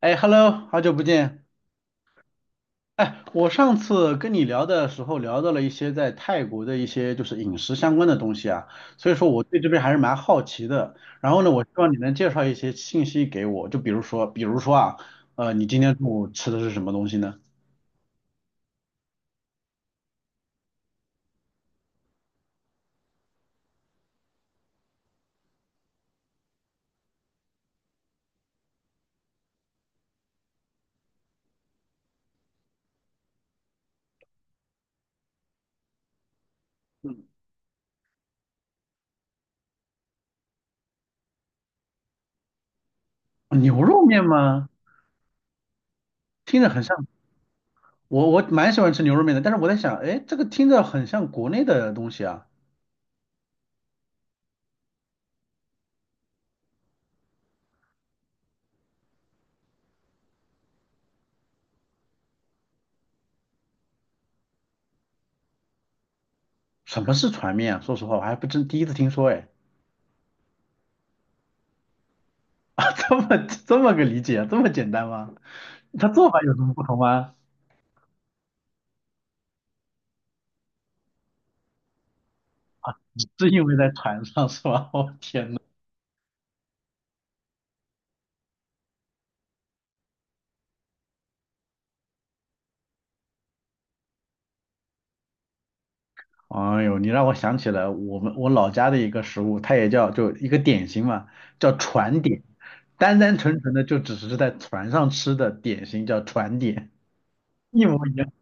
哎，Hello，好久不见。哎，我上次跟你聊的时候聊到了一些在泰国的一些就是饮食相关的东西啊，所以说我对这边还是蛮好奇的。然后呢，我希望你能介绍一些信息给我，就比如说啊，你今天中午吃的是什么东西呢？牛肉面吗？听着很像，我蛮喜欢吃牛肉面的，但是我在想，哎，这个听着很像国内的东西啊。什么是船面啊说实话，我还不真第一次听说，哎，这么这么个理解，这么简单吗？它做法有什么不同吗？是因为在船上是吧？天呐，哎呦，你让我想起了我老家的一个食物，它也叫就一个点心嘛，叫船点，单单纯纯的就只是在船上吃的点心叫船点，一模一样。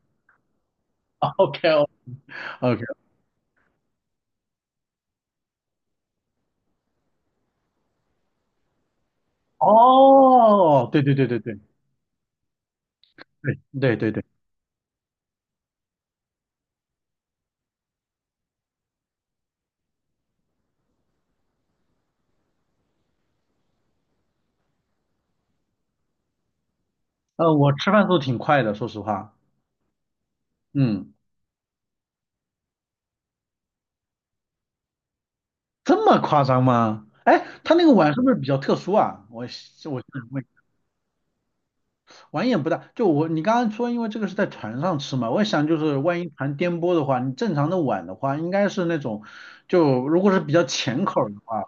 OK 哦 OK，哦，对对对对对对对对对，我吃饭速度挺快的，说实话，嗯，这么夸张吗？哎，他那个碗是不是比较特殊啊？我碗也不大，就我你刚刚说，因为这个是在船上吃嘛，我想就是万一船颠簸的话，你正常的碗的话，应该是那种，就如果是比较浅口儿的话，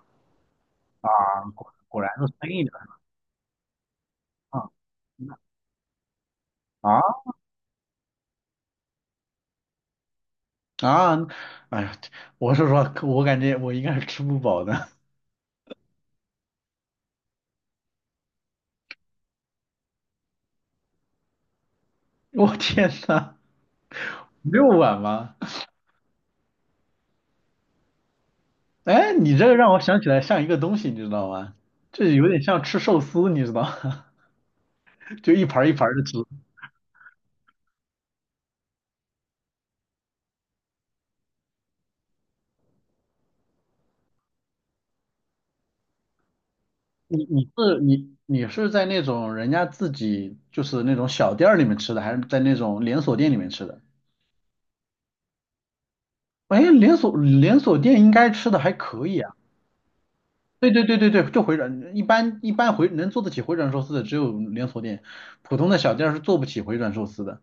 果然是深一点儿啊啊啊！哎呀，我是说，我感觉我应该是吃不饱的。我天呐，6碗吗？哎，你这个让我想起来像一个东西，你知道吗？这有点像吃寿司，你知道吗？就一盘儿一盘的吃。你是在那种人家自己就是那种小店儿里面吃的，还是在那种连锁店里面吃的？哎，连锁店应该吃的还可以啊。对对对对对，就回转，一般回能做得起回转寿司的只有连锁店，普通的小店儿是做不起回转寿司的。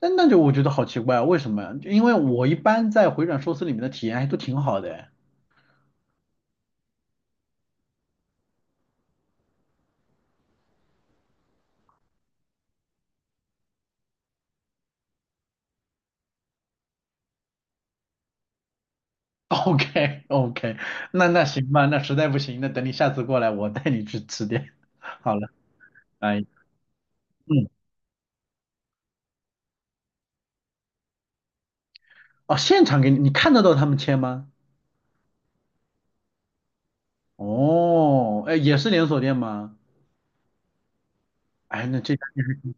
那就我觉得好奇怪啊，为什么呀？就因为我一般在回转寿司里面的体验还都挺好的哎。OK OK，那行吧，那实在不行，那等你下次过来，我带你去吃点。好了，哎，嗯。哦，现场给你，你看得到他们切吗？哦，哎，也是连锁店吗？哎，那这家店还挺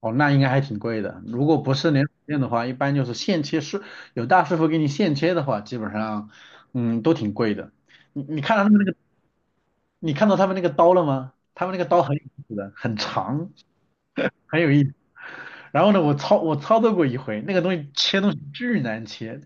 哦，那应该还挺贵的。如果不是连锁店的话，一般就是现切师，有大师傅给你现切的话，基本上，嗯，都挺贵的。你你看到他们那个，你看到他们那个刀了吗？他们那个刀很有意思的，很长，很有意思。然后呢，我操作过一回，那个东西切东西巨难切，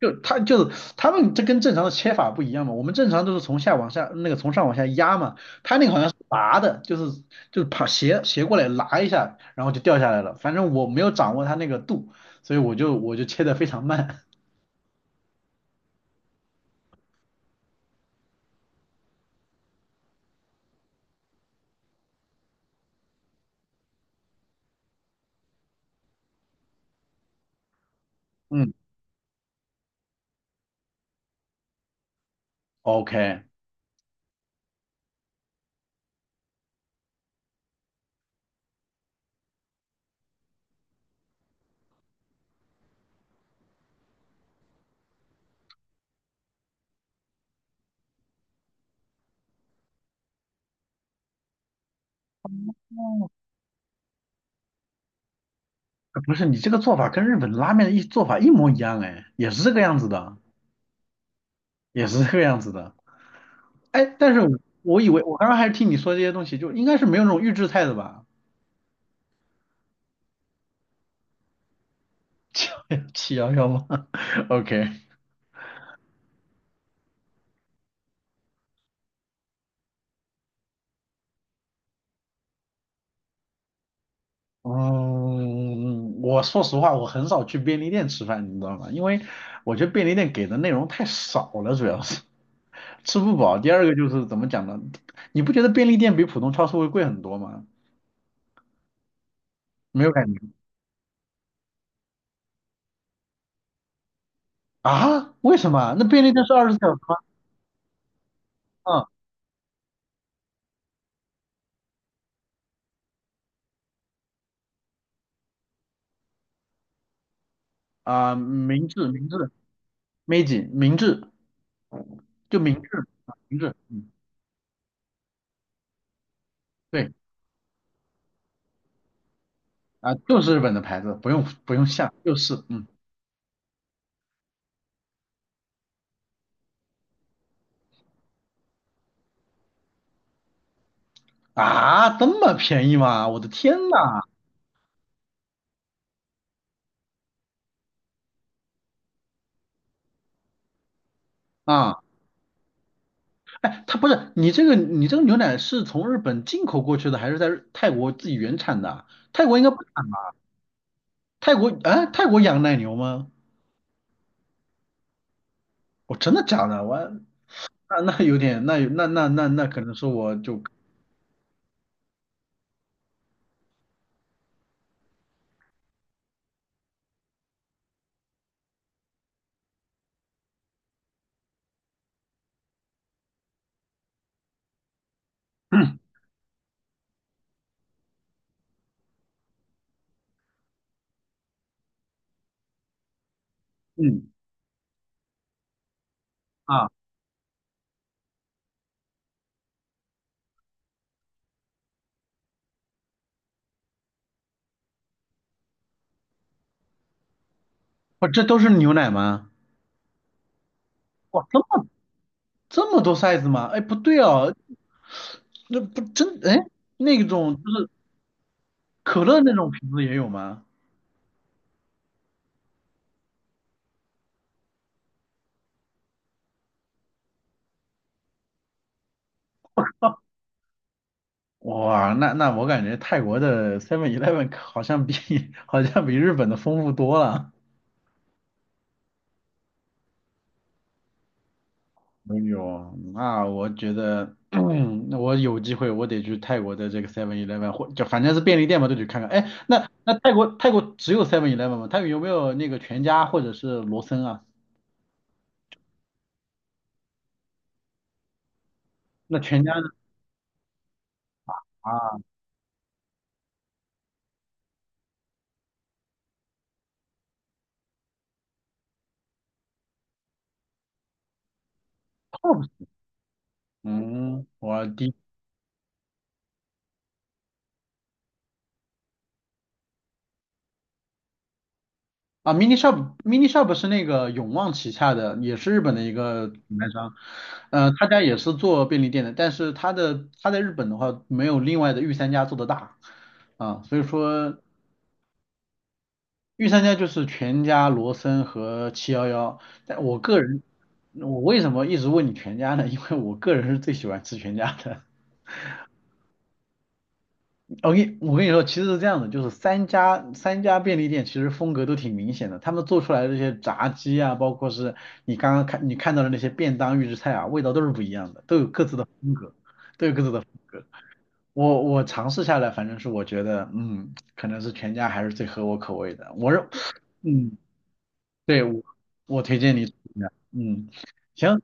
就是他们这跟正常的切法不一样嘛，我们正常都是从上往下压嘛，他那个好像是拔的，就是爬斜斜过来拉一下，然后就掉下来了。反正我没有掌握他那个度，所以我就切的非常慢。嗯，OK，不是你这个做法跟日本拉面的一做法一模一样哎，也是这个样子的，也是这个样子的。哎，但是我以为我刚刚还是听你说这些东西，就应该是没有那种预制菜的吧？七幺幺吗 ？OK。嗯，我说实话，我很少去便利店吃饭，你知道吗？因为我觉得便利店给的内容太少了，主要是 吃不饱。第二个就是怎么讲呢？你不觉得便利店比普通超市会贵很多吗？没有感觉啊？为什么？那便利店是24小时吗？嗯啊，明治明治 Meiji 明治就明治啊明治，嗯对啊，就是日本的牌子，不用不用下，就是这么便宜吗？我的天呐！啊！哎，它不是你这个牛奶是从日本进口过去的，还是在泰国自己原产的啊泰国应该不产吧？泰国啊，泰国养奶牛吗？我真的假的？我那有点，那有那那那那可能是我就 嗯啊，我这都是牛奶吗？哇，这么多 size 吗？哎，不对哦，那不真哎，那种就是可乐那种瓶子也有吗？哇，那我感觉泰国的 Seven Eleven 好像比 好像比日本的丰富多了。没有，那我觉得，那我有机会我得去泰国的这个 Seven Eleven 或就反正是便利店嘛，都得看看。哎，那泰国只有 Seven Eleven 吗？泰国有没有那个全家或者是罗森啊？那全家呢？啊 TOP 嗯，啊 Mini Shop Mini Shop 是那个永旺旗下的，也是日本的一个品牌商，他家也是做便利店的，但是他在日本的话没有另外的御三家做的大。啊，所以说御三家就是全家、罗森和七幺幺。但我个人，我为什么一直问你全家呢？因为我个人是最喜欢吃全家的。我跟你说，其实是这样的，就是三家便利店其实风格都挺明显的，他们做出来的这些炸鸡啊，包括是你看到的那些便当预制菜啊，味道都是不一样的，都有各自的风格，都有各自的风格。我尝试下来，反正是我觉得，嗯，可能是全家还是最合我口味的。我认，嗯，对，我推荐你，嗯，行，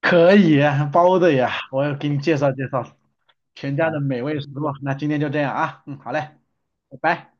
可以，包的呀，我要给你介绍介绍全家的美味食物。那今天就这样啊，嗯，好嘞，拜拜。